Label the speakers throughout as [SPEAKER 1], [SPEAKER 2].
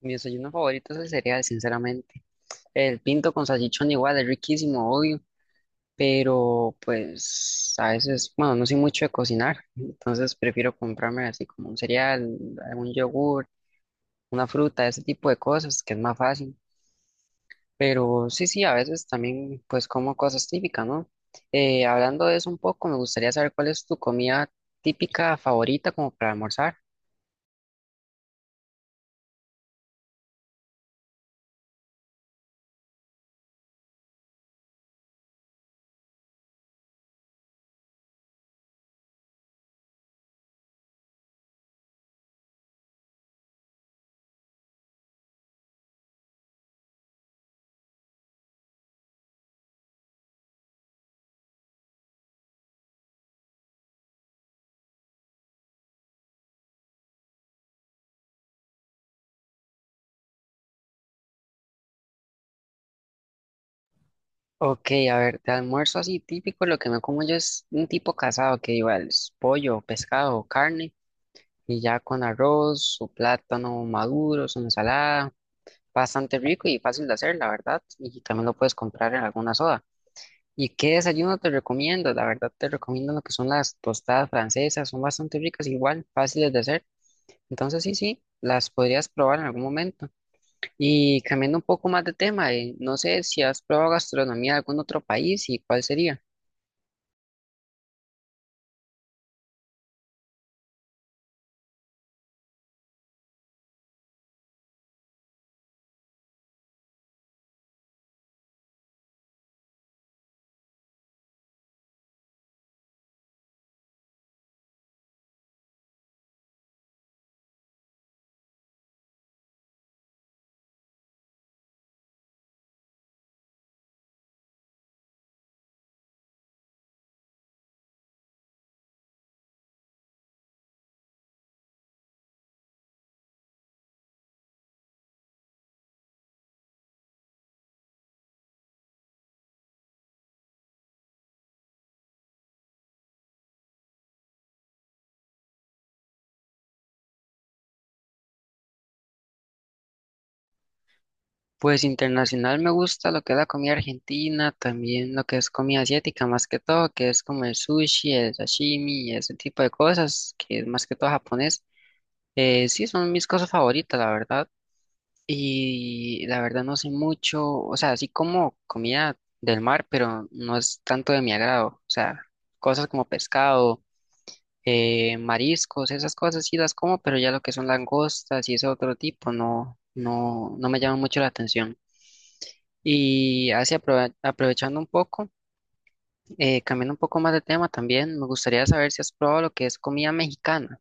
[SPEAKER 1] Mi desayuno favorito es el cereal, sinceramente. El pinto con salchichón igual es riquísimo, obvio, pero pues a veces, bueno, no soy mucho de cocinar, entonces prefiero comprarme así como un cereal, algún yogur, una fruta, ese tipo de cosas, que es más fácil. Pero sí, sí, a veces también pues como cosas típicas, ¿no? Hablando de eso un poco, me gustaría saber cuál es tu comida típica favorita como para almorzar. Ok, a ver, de almuerzo así típico, lo que me como yo es un tipo casado que igual es pollo, pescado, carne, y ya con arroz, su plátano maduro, su ensalada, bastante rico y fácil de hacer, la verdad, y también lo puedes comprar en alguna soda. ¿Y qué desayuno te recomiendo? La verdad te recomiendo lo que son las tostadas francesas, son bastante ricas, igual, fáciles de hacer. Entonces sí, sí, las podrías probar en algún momento. Y cambiando un poco más de tema, no sé si has probado gastronomía de algún otro país y cuál sería. Pues internacional me gusta lo que es la comida argentina, también lo que es comida asiática, más que todo, que es como el sushi, el sashimi, ese tipo de cosas, que es más que todo japonés. Sí, son mis cosas favoritas, la verdad. Y la verdad no sé mucho, o sea, así como comida del mar, pero no es tanto de mi agrado. O sea, cosas como pescado, mariscos, esas cosas sí las como, pero ya lo que son langostas y ese otro tipo no, no, no me llama mucho la atención. Y así aprovechando un poco, cambiando un poco más de tema también, me gustaría saber si has probado lo que es comida mexicana.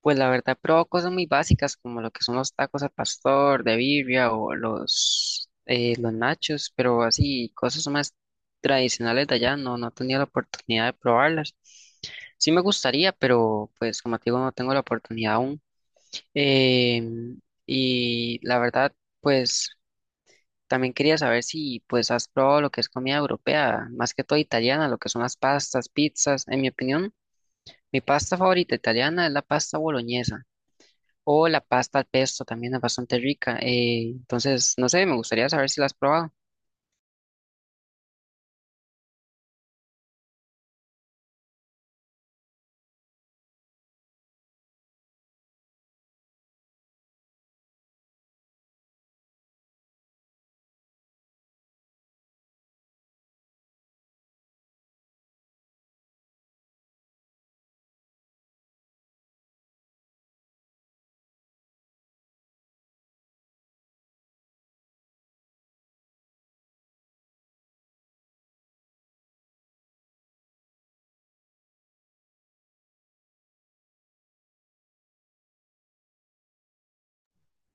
[SPEAKER 1] Pues la verdad, he probado cosas muy básicas como lo que son los tacos al pastor, de birria o los nachos, pero así cosas más tradicionales de allá no, no he tenido la oportunidad de probarlas. Sí me gustaría, pero pues como te digo, no tengo la oportunidad aún. Em, y la verdad, pues... también quería saber si pues has probado lo que es comida europea, más que todo italiana, lo que son las pastas, pizzas. En mi opinión, mi pasta favorita italiana es la pasta boloñesa o la pasta al pesto, también es bastante rica. Entonces, no sé, me gustaría saber si la has probado.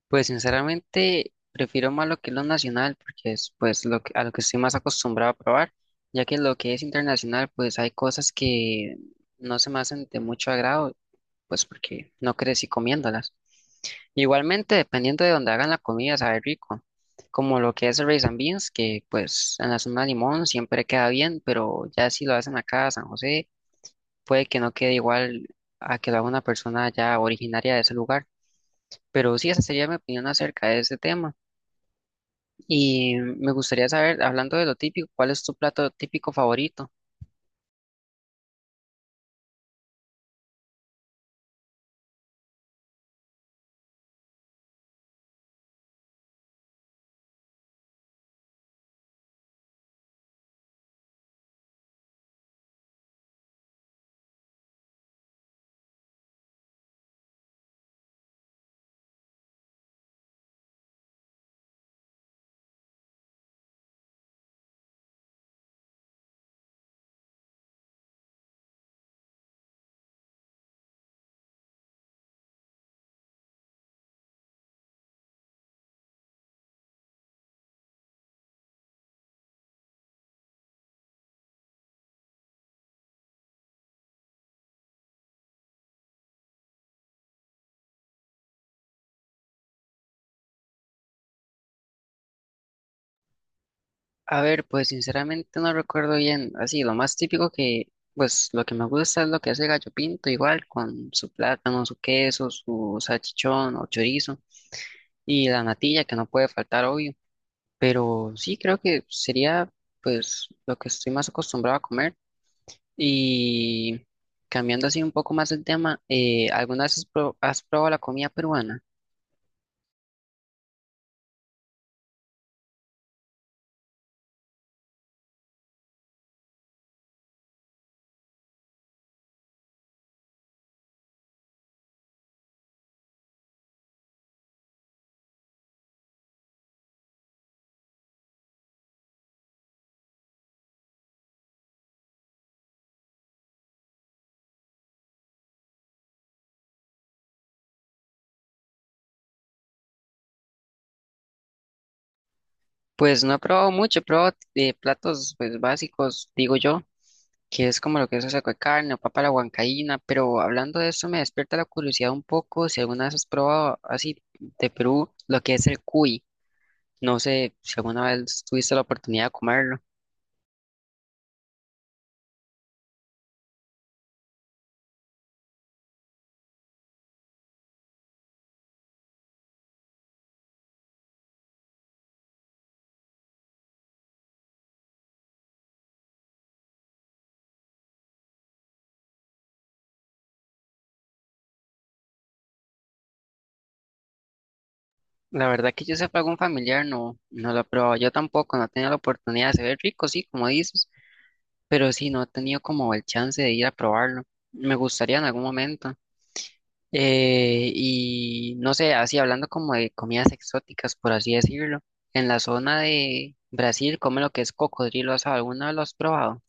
[SPEAKER 1] Pues sinceramente, prefiero más lo que es lo nacional, porque es pues lo que, a lo que estoy más acostumbrado a probar, ya que lo que es internacional, pues hay cosas que no se me hacen de mucho agrado, pues porque no crecí comiéndolas. Igualmente, dependiendo de donde hagan la comida, sabe rico. Como lo que es el rice and beans, que pues en la zona de Limón siempre queda bien, pero ya si lo hacen acá a San José, puede que no quede igual a que lo haga una persona ya originaria de ese lugar. Pero sí, esa sería mi opinión acerca de ese tema. Y me gustaría saber, hablando de lo típico, ¿cuál es tu plato típico favorito? A ver, pues sinceramente no recuerdo bien, así, lo más típico que, pues lo que me gusta es lo que hace Gallo Pinto, igual con su plátano, su queso, su salchichón o chorizo y la natilla que no puede faltar, obvio, pero sí creo que sería pues lo que estoy más acostumbrado a comer y cambiando así un poco más el tema, ¿alguna vez has has probado la comida peruana? Pues no he probado mucho, he probado platos pues básicos, digo yo. Que es como lo que es un saco de carne o papa a la huancaína, pero hablando de esto me despierta la curiosidad un poco si alguna vez has probado así de Perú lo que es el cuy. No sé si alguna vez tuviste la oportunidad de comerlo. La verdad que yo sepa algún familiar no, no lo ha probado. Yo tampoco, no he tenido la oportunidad. Se ve rico, sí, como dices, pero sí, no he tenido como el chance de ir a probarlo. Me gustaría en algún momento. Y no sé, así hablando como de comidas exóticas, por así decirlo, en la zona de Brasil, come lo que es cocodrilo asado, ¿alguna vez lo has probado?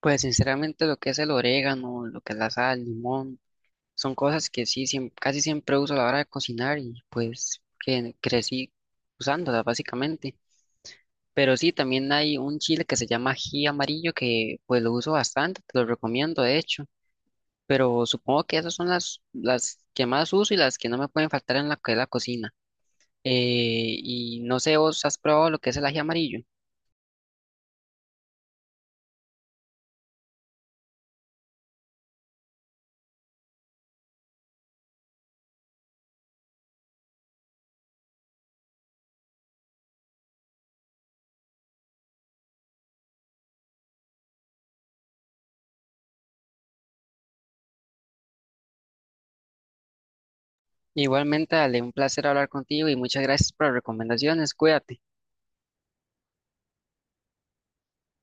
[SPEAKER 1] Pues sinceramente lo que es el orégano, lo que es la sal, el limón, son cosas que sí, casi siempre uso a la hora de cocinar y pues que crecí usándolas básicamente. Pero sí, también hay un chile que se llama ají amarillo que pues lo uso bastante, te lo recomiendo de hecho. Pero supongo que esas son las que más uso y las que no me pueden faltar en la que es la cocina. Y no sé, vos has probado lo que es el ají amarillo. Igualmente, dale un placer hablar contigo y muchas gracias por las recomendaciones. Cuídate.